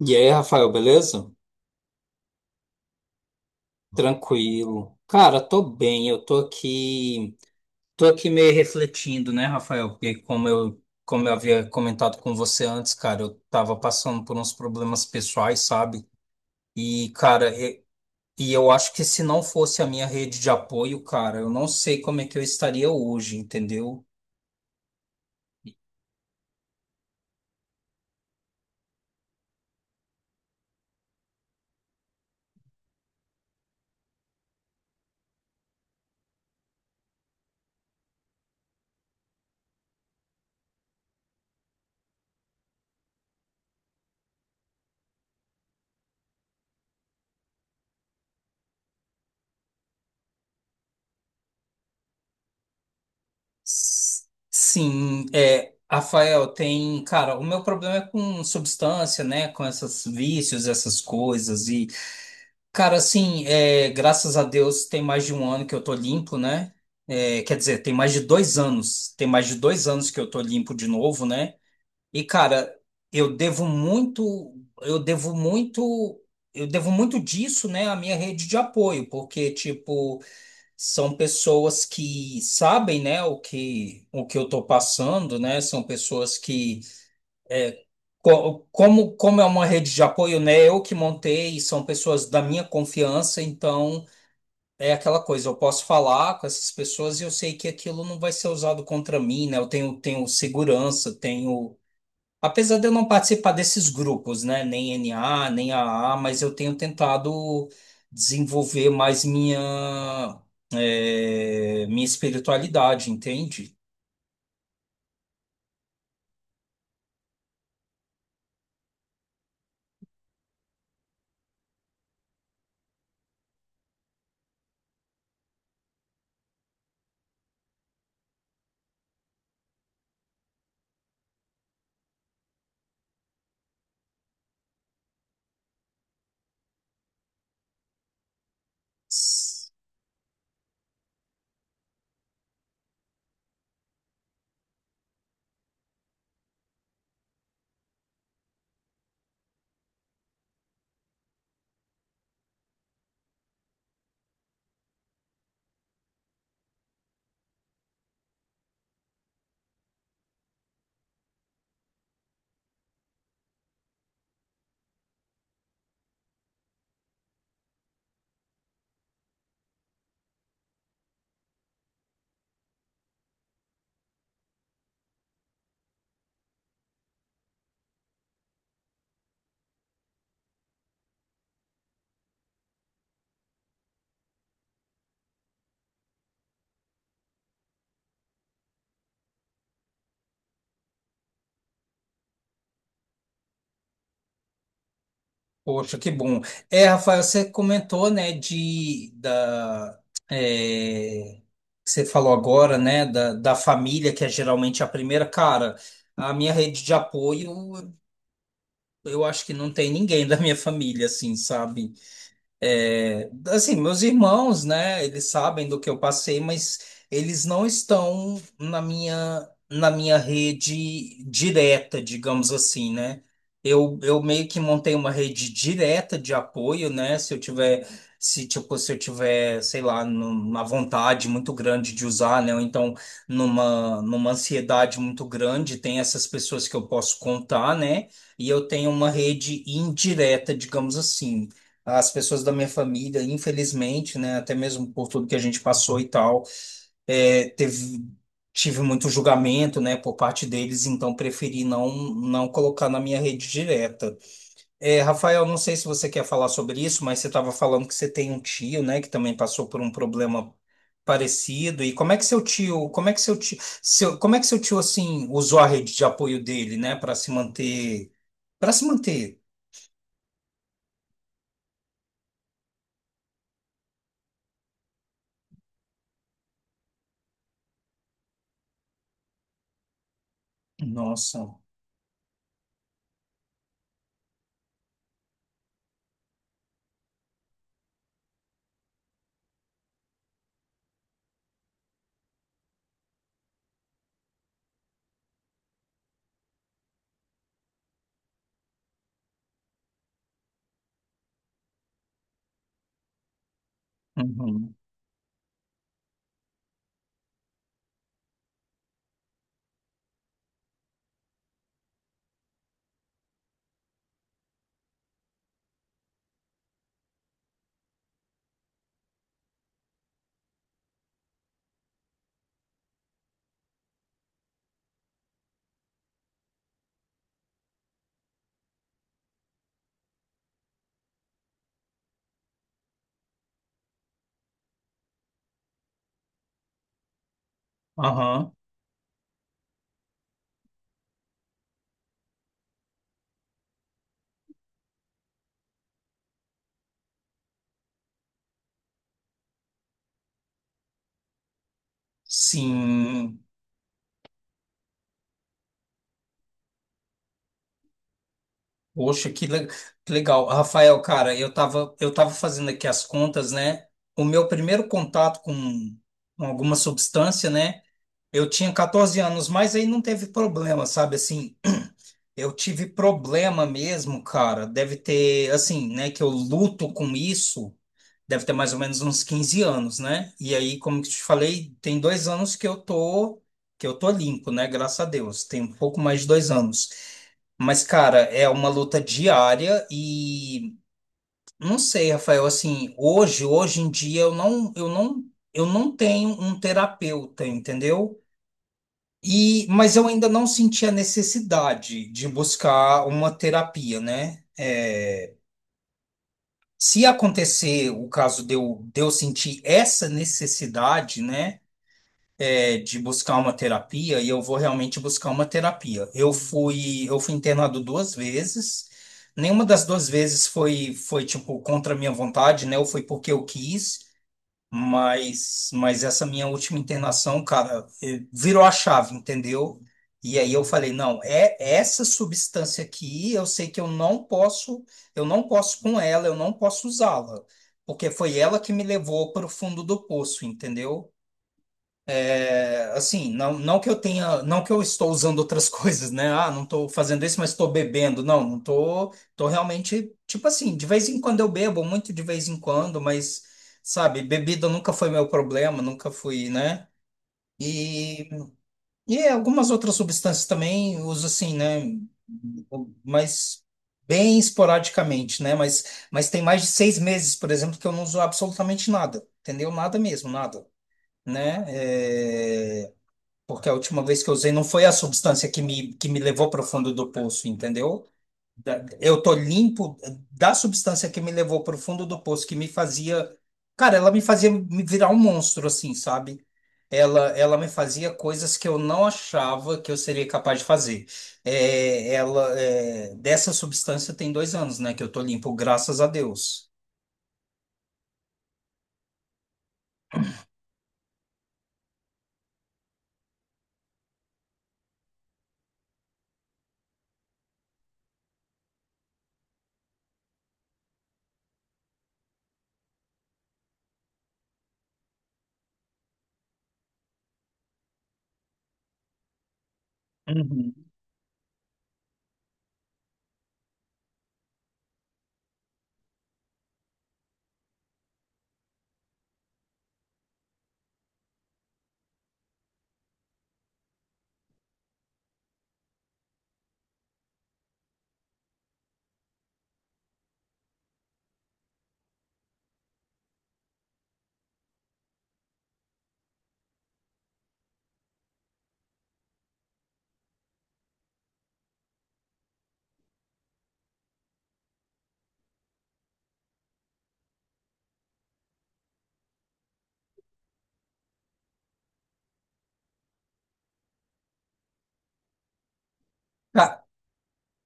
E aí, Rafael, beleza? Tranquilo. Cara, tô bem, eu tô aqui meio refletindo, né, Rafael? Porque como eu havia comentado com você antes, cara, eu tava passando por uns problemas pessoais, sabe? E, cara, eu acho que se não fosse a minha rede de apoio, cara, eu não sei como é que eu estaria hoje, entendeu? S- Sim, é, Rafael, tem, cara, o meu problema é com substância, né, com esses vícios, essas coisas. Cara, assim, é, graças a Deus tem mais de um ano que eu tô limpo, né? É, quer dizer, tem mais de 2 anos. Tem mais de dois anos que eu tô limpo de novo, né? E, cara, eu devo muito, eu devo muito, eu devo muito disso, né, à minha rede de apoio, porque, tipo, são pessoas que sabem, né, o que eu tô passando, né? São pessoas que. Como é uma rede de apoio, né? Eu que montei, são pessoas da minha confiança, então. É aquela coisa, eu posso falar com essas pessoas e eu sei que aquilo não vai ser usado contra mim, né? Eu tenho, tenho segurança, tenho. Apesar de eu não participar desses grupos, né? Nem NA, nem a mas eu tenho tentado desenvolver mais minha, minha espiritualidade, entende? Poxa, que bom. É, Rafael, você comentou, né, da, é, você falou agora, né, da família, que é geralmente a primeira. Cara, a minha rede de apoio, eu acho que não tem ninguém da minha família, assim, sabe? É, assim, meus irmãos, né, eles sabem do que eu passei, mas eles não estão na minha rede direta, digamos assim, né? Eu meio que montei uma rede direta de apoio, né? Se eu tiver, sei lá, uma vontade muito grande de usar, né? Ou então numa ansiedade muito grande, tem essas pessoas que eu posso contar, né? E eu tenho uma rede indireta, digamos assim. As pessoas da minha família, infelizmente, né, até mesmo por tudo que a gente passou e tal, é, teve, tive muito julgamento, né, por parte deles, então preferi não, não colocar na minha rede direta. É, Rafael, não sei se você quer falar sobre isso, mas você estava falando que você tem um tio, né, que também passou por um problema parecido. E como é que seu tio, como é que seu tio assim usou a rede de apoio dele, né, para se manter, para se manter? Nossa. Uhum. Aham. Sim, poxa, que legal. Rafael, cara, eu tava fazendo aqui as contas, né? O meu primeiro contato com alguma substância, né? Eu tinha 14 anos, mas aí não teve problema, sabe? Assim, eu tive problema mesmo, cara. Deve ter, assim, né? Que eu luto com isso, deve ter mais ou menos uns 15 anos, né? E aí, como que te falei, tem 2 anos que eu tô limpo, né? Graças a Deus. Tem um pouco mais de 2 anos. Mas, cara, é uma luta diária e não sei, Rafael, assim, hoje em dia eu não tenho um terapeuta, entendeu? E, mas eu ainda não senti a necessidade de buscar uma terapia, né? É, se acontecer o caso de eu sentir essa necessidade, né? É, de buscar uma terapia e eu vou realmente buscar uma terapia. Eu fui internado duas vezes. Nenhuma das duas vezes foi tipo contra a minha vontade, né? Ou foi porque eu quis, mas essa minha última internação, cara, virou a chave, entendeu? E aí eu falei, não, é essa substância aqui, eu sei que eu não posso com ela, eu não posso usá-la, porque foi ela que me levou para o fundo do poço, entendeu? Assim, não, não que eu tenha, não que eu estou usando outras coisas, né? Ah, não estou fazendo isso, mas estou bebendo. Não, não estou, estou realmente, tipo assim, de vez em quando eu bebo, muito de vez em quando, mas, sabe, bebida nunca foi meu problema, nunca fui, né? E, e algumas outras substâncias também uso assim, né? Mas bem esporadicamente, né? Mas, tem mais de 6 meses, por exemplo, que eu não uso absolutamente nada, entendeu? Nada mesmo, nada, né? É... Porque a última vez que eu usei não foi a substância que me levou para o fundo do poço, entendeu? Eu tô limpo da substância que me levou para o fundo do poço, que me fazia. Cara, ela me fazia me virar um monstro, assim, sabe? Ela me fazia coisas que eu não achava que eu seria capaz de fazer. É, ela, é, dessa substância tem 2 anos, né, que eu tô limpo, graças a Deus. Uhum.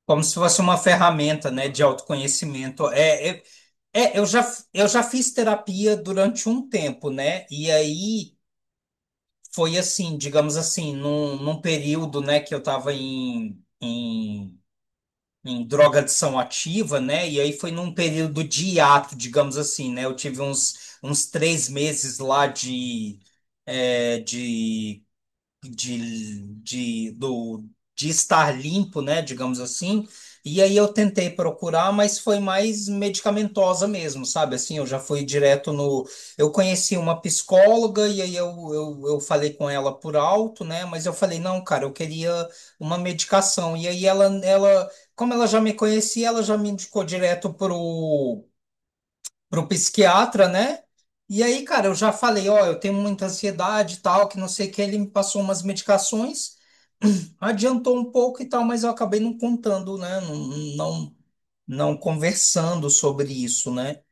Como se fosse uma ferramenta, né, de autoconhecimento. É, é, é, eu já fiz terapia durante um tempo, né? E aí foi assim, digamos assim, num período, né, que eu estava em, em, em drogadição ativa, né? E aí foi num período de hiato, digamos assim, né? Eu tive uns, uns 3 meses lá de, é, de, de, do, de estar limpo, né, digamos assim. E aí eu tentei procurar, mas foi mais medicamentosa mesmo, sabe? Assim, eu já fui direto no. Eu conheci uma psicóloga e aí eu falei com ela por alto, né? Mas eu falei, não, cara, eu queria uma medicação. E aí como ela já me conhecia, ela já me indicou direto pro para o psiquiatra, né? E aí, cara, eu já falei, ó, eu tenho muita ansiedade e tal, que não sei o que, ele me passou umas medicações, adiantou um pouco e tal, mas eu acabei não contando, né? Não, não, não conversando sobre isso, né?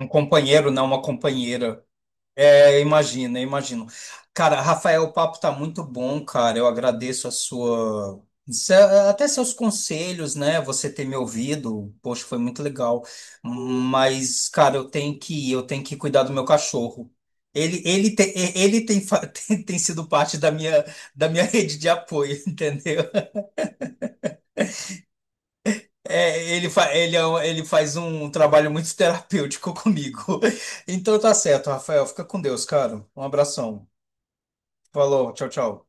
Um companheiro, não uma companheira. É, imagina, imagino. Cara, Rafael, o papo tá muito bom, cara. Eu agradeço a sua, até seus conselhos, né? Você ter me ouvido, poxa, foi muito legal. Mas, cara, eu tenho que cuidar do meu cachorro. Tem, sido parte da minha rede de apoio, entendeu? É, é ele faz um trabalho muito terapêutico comigo. Então tá certo, Rafael. Fica com Deus, cara. Um abração. Falou, tchau, tchau.